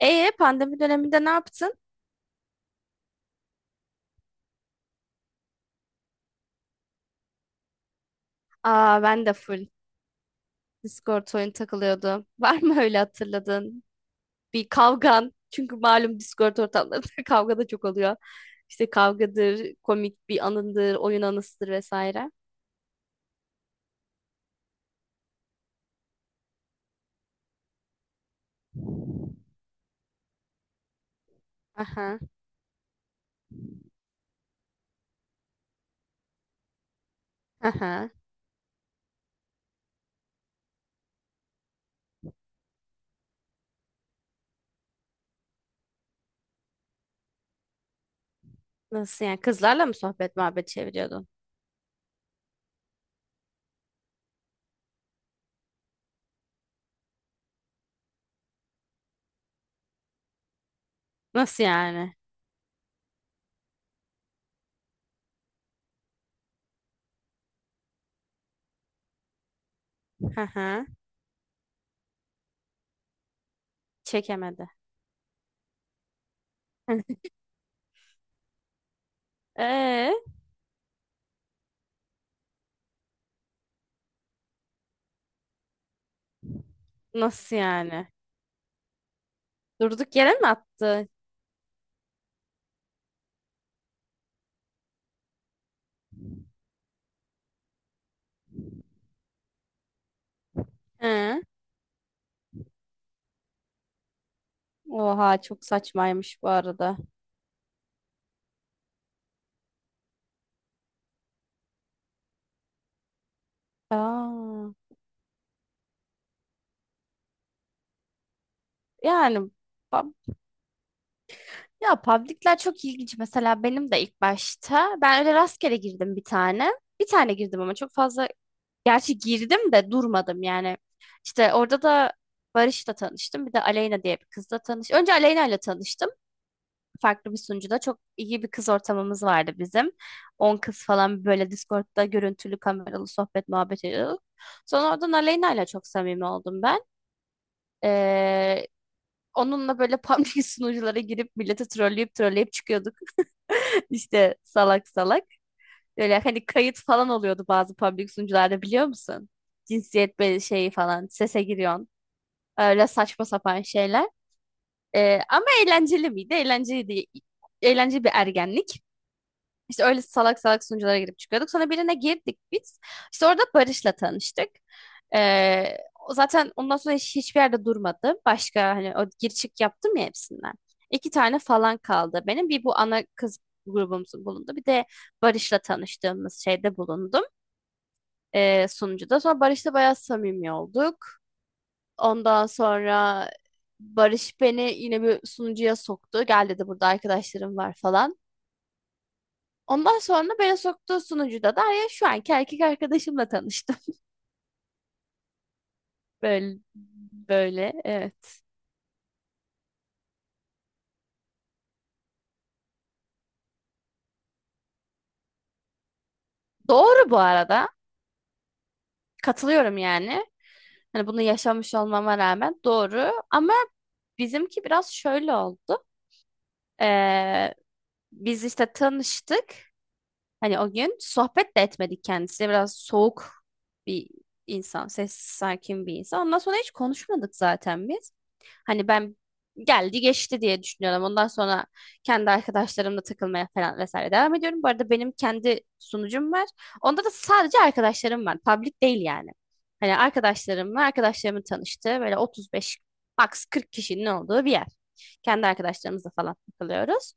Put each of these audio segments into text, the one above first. Pandemi döneminde ne yaptın? Aa, ben de full Discord oyun takılıyordu. Var mı öyle hatırladın? Bir kavgan. Çünkü malum Discord ortamlarında kavga da çok oluyor. İşte kavgadır, komik bir anındır, oyun anısıdır vesaire. Aha, aha. Nasıl yani? Kızlarla mı sohbet muhabbet çeviriyordun? Nasıl yani? Aha, çekemedi. Ee, nasıl yani? Durduk yere mi attı? Hı. Oha çok saçmaymış bu arada. Aa. Yani, pub- ya public'ler çok ilginç. Mesela benim de ilk başta ben öyle rastgele girdim bir tane. Bir tane girdim ama çok fazla gerçi girdim de durmadım yani. İşte orada da Barış'la tanıştım. Bir de Aleyna diye bir kızla tanıştım. Önce Aleyna ile tanıştım. Farklı bir sunucuda çok iyi bir kız ortamımız vardı bizim. 10 kız falan böyle Discord'da görüntülü kameralı sohbet muhabbet ediyorduk. Sonra oradan Aleyna ile çok samimi oldum ben. Ee, Onunla böyle public sunuculara girip milleti trolleyip trolleyip çıkıyorduk. İşte salak salak. Böyle hani kayıt falan oluyordu bazı public sunucularda biliyor musun? Cinsiyet şeyi falan sese giriyorsun. Öyle saçma sapan şeyler. Ama eğlenceli miydi? Eğlenceliydi. Eğlenceli bir ergenlik. İşte öyle salak salak sunuculara girip çıkıyorduk. Sonra birine girdik biz. İşte orada Barış'la tanıştık. Ee, o zaten ondan sonra hiçbir yerde durmadı. Başka hani o gir çık yaptım ya hepsinden. İki tane falan kaldı benim. Bir bu ana kız grubumuzun bulundu. Bir de Barış'la tanıştığımız şeyde bulundum. Sunucuda. Sonra Barış'la bayağı samimi olduk. Ondan sonra Barış beni yine bir sunucuya soktu. Gel dedi burada arkadaşlarım var falan. Ondan sonra beni soktuğu sunucuda da ya şu anki erkek arkadaşımla tanıştım. Böyle, böyle evet. Doğru bu arada. Katılıyorum yani. Hani bunu yaşamış olmama rağmen doğru. Ama bizimki biraz şöyle oldu. Ee, biz işte tanıştık. Hani o gün sohbet de etmedik kendisiyle. Biraz soğuk bir insan, sessiz, sakin bir insan. Ondan sonra hiç konuşmadık zaten biz. Hani ben geldi geçti diye düşünüyorum. Ondan sonra kendi arkadaşlarımla takılmaya falan vesaire devam ediyorum. Bu arada benim kendi sunucum var. Onda da sadece arkadaşlarım var. Public değil yani. Hani arkadaşlarımla arkadaşlarımın tanıştığı böyle 35 max 40 kişinin olduğu bir yer. Kendi arkadaşlarımızla falan takılıyoruz.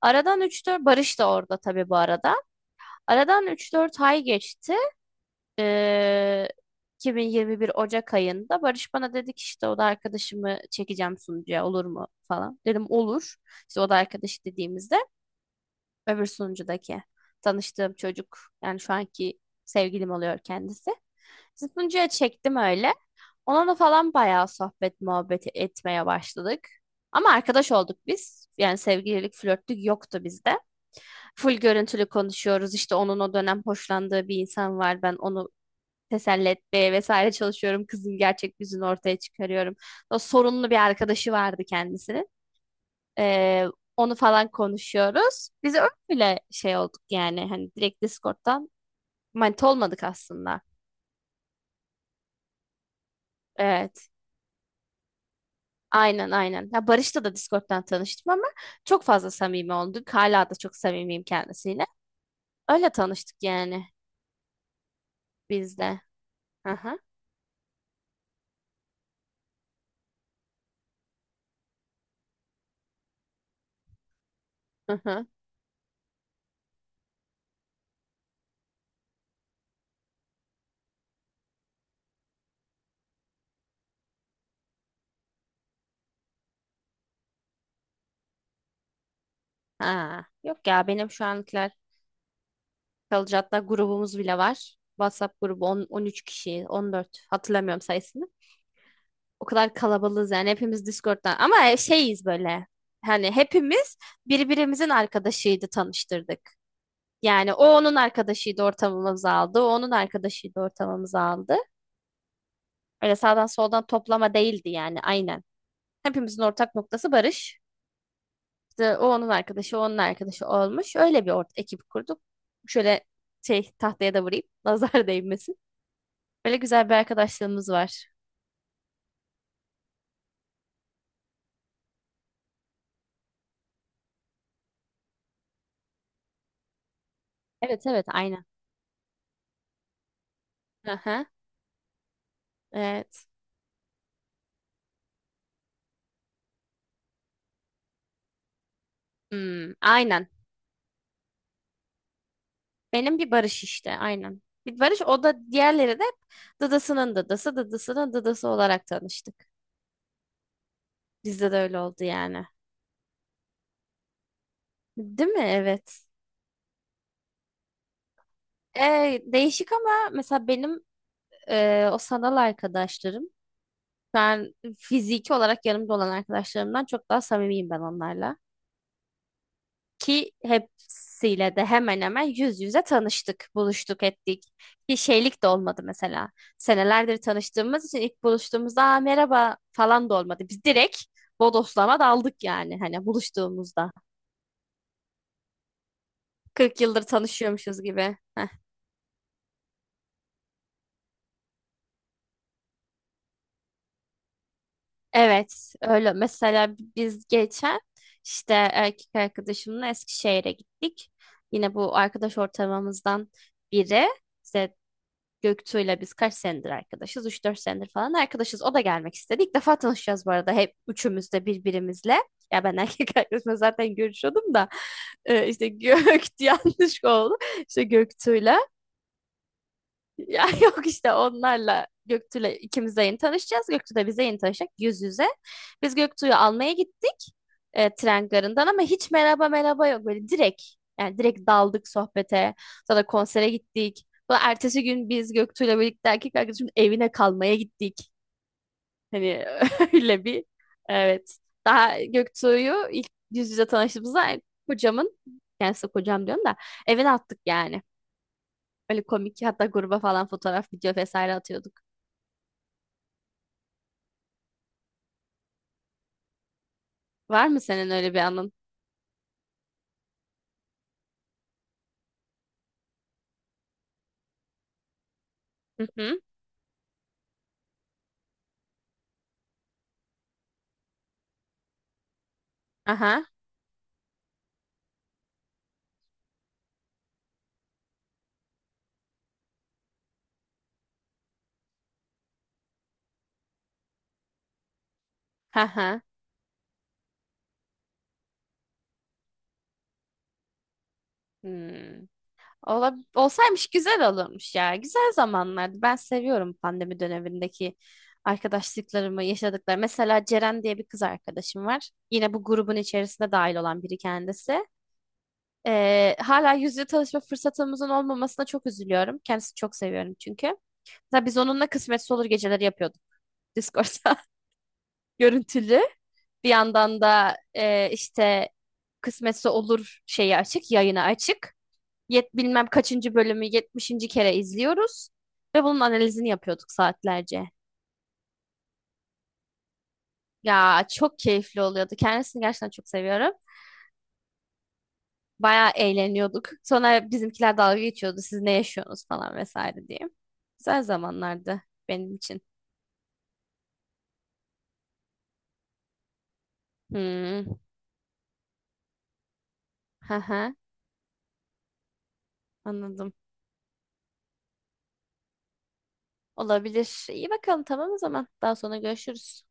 Aradan 3-4 Barış da orada tabii bu arada. Aradan 3-4 ay geçti. Ee, 2021 Ocak ayında Barış bana dedi ki işte oda arkadaşımı çekeceğim sunucuya olur mu falan. Dedim olur. İşte oda arkadaşı dediğimizde öbür sunucudaki tanıştığım çocuk yani şu anki sevgilim oluyor kendisi. Sunucuya çektim öyle. Onunla falan bayağı sohbet muhabbet etmeye başladık. Ama arkadaş olduk biz. Yani sevgililik, flörtlük yoktu bizde. Full görüntülü konuşuyoruz. İşte onun o dönem hoşlandığı bir insan var. Ben onu teselli etmeye vesaire çalışıyorum. Kızın gerçek yüzünü ortaya çıkarıyorum. O sorunlu bir arkadaşı vardı kendisinin. Ee, onu falan konuşuyoruz. Biz öyle şey olduk yani. Hani direkt Discord'dan manita olmadık aslında. Evet. Aynen aynen. Ya Barış'la da Discord'dan tanıştım ama çok fazla samimi olduk. Hala da çok samimiyim kendisiyle. Öyle tanıştık yani biz de. Hı hı. Hı hı. Ha. Yok ya benim şu ankiler kalıcı, hatta grubumuz bile var. WhatsApp grubu 10, 13 kişi, 14 hatırlamıyorum sayısını. O kadar kalabalığız yani, hepimiz Discord'dan ama şeyiz böyle. Hani hepimiz birbirimizin arkadaşıydı, tanıştırdık. Yani o onun arkadaşıydı, ortamımızı aldı. O onun arkadaşıydı, ortamımızı aldı. Öyle sağdan soldan toplama değildi yani, aynen. Hepimizin ortak noktası Barış. İşte o onun arkadaşı, o onun arkadaşı olmuş. Öyle bir ekip kurduk. Şöyle şey tahtaya da vurayım. Nazar değmesin. Böyle güzel bir arkadaşlığımız var. Evet evet aynen. Aha, evet. Hmm, aynen. Benim bir Barış işte aynen. Bir Barış, o da diğerleri de dadasının dadası, dadasının dadası olarak tanıştık. Bizde de öyle oldu yani. Değil mi? Evet. Değişik ama, mesela benim, o sanal arkadaşlarım. Ben fiziki olarak yanımda olan arkadaşlarımdan çok daha samimiyim ben onlarla. Ki hepsiyle de hemen hemen yüz yüze tanıştık, buluştuk, ettik. Bir şeylik de olmadı mesela. Senelerdir tanıştığımız için ilk buluştuğumuzda "Aa, merhaba" falan da olmadı. Biz direkt bodoslama daldık yani, hani buluştuğumuzda. 40 yıldır tanışıyormuşuz gibi. Evet, öyle. Mesela biz geçen işte erkek arkadaşımla Eskişehir'e gittik. Yine bu arkadaş ortamımızdan biri. İşte Göktuğ'yla biz kaç senedir arkadaşız? 3-4 senedir falan arkadaşız. O da gelmek istedi. İlk defa tanışacağız bu arada, hep üçümüz de birbirimizle. Ya ben erkek arkadaşımla zaten görüşüyordum da işte Gök yanlış oldu. İşte Göktuğ'yla. Ya yok, işte onlarla Göktuğ'la ikimiz de yeni tanışacağız. Göktuğ da bize yeni tanışacak yüz yüze. Biz Göktuğ'u almaya gittik, tren garından, ama hiç merhaba merhaba yok. Böyle direkt, yani direkt daldık sohbete. Sonra konsere gittik. Sonra ertesi gün biz Göktuğ'la birlikte erkek arkadaşımın evine kalmaya gittik. Hani öyle bir, evet. Daha Göktuğ'u ilk yüz yüze tanıştığımızda kocamın, yani size kocam diyorum da, evine attık yani. Öyle komik, hatta gruba falan fotoğraf video vesaire atıyorduk. Var mı senin öyle bir anın? Hı hı. Aha. Aha. Hmm. Ola, olsaymış güzel olurmuş ya. Güzel zamanlardı. Ben seviyorum pandemi dönemindeki arkadaşlıklarımı, yaşadıklarımı. Mesela Ceren diye bir kız arkadaşım var. Yine bu grubun içerisinde dahil olan biri kendisi. Hala yüz yüze tanışma fırsatımızın olmamasına çok üzülüyorum. Kendisini çok seviyorum çünkü. Mesela biz onunla kısmetse olur geceleri yapıyorduk. Discord'da görüntülü. Bir yandan da işte kısmetse olur şeyi açık, yayını açık. Yet bilmem kaçıncı bölümü yetmişinci kere izliyoruz ve bunun analizini yapıyorduk saatlerce. Ya çok keyifli oluyordu. Kendisini gerçekten çok seviyorum. Bayağı eğleniyorduk. Sonra bizimkiler dalga geçiyordu. Siz ne yaşıyorsunuz falan vesaire diye. Güzel zamanlardı benim için. Hmm. Hı hı. Anladım. Olabilir. İyi bakalım, tamam o zaman. Daha sonra görüşürüz.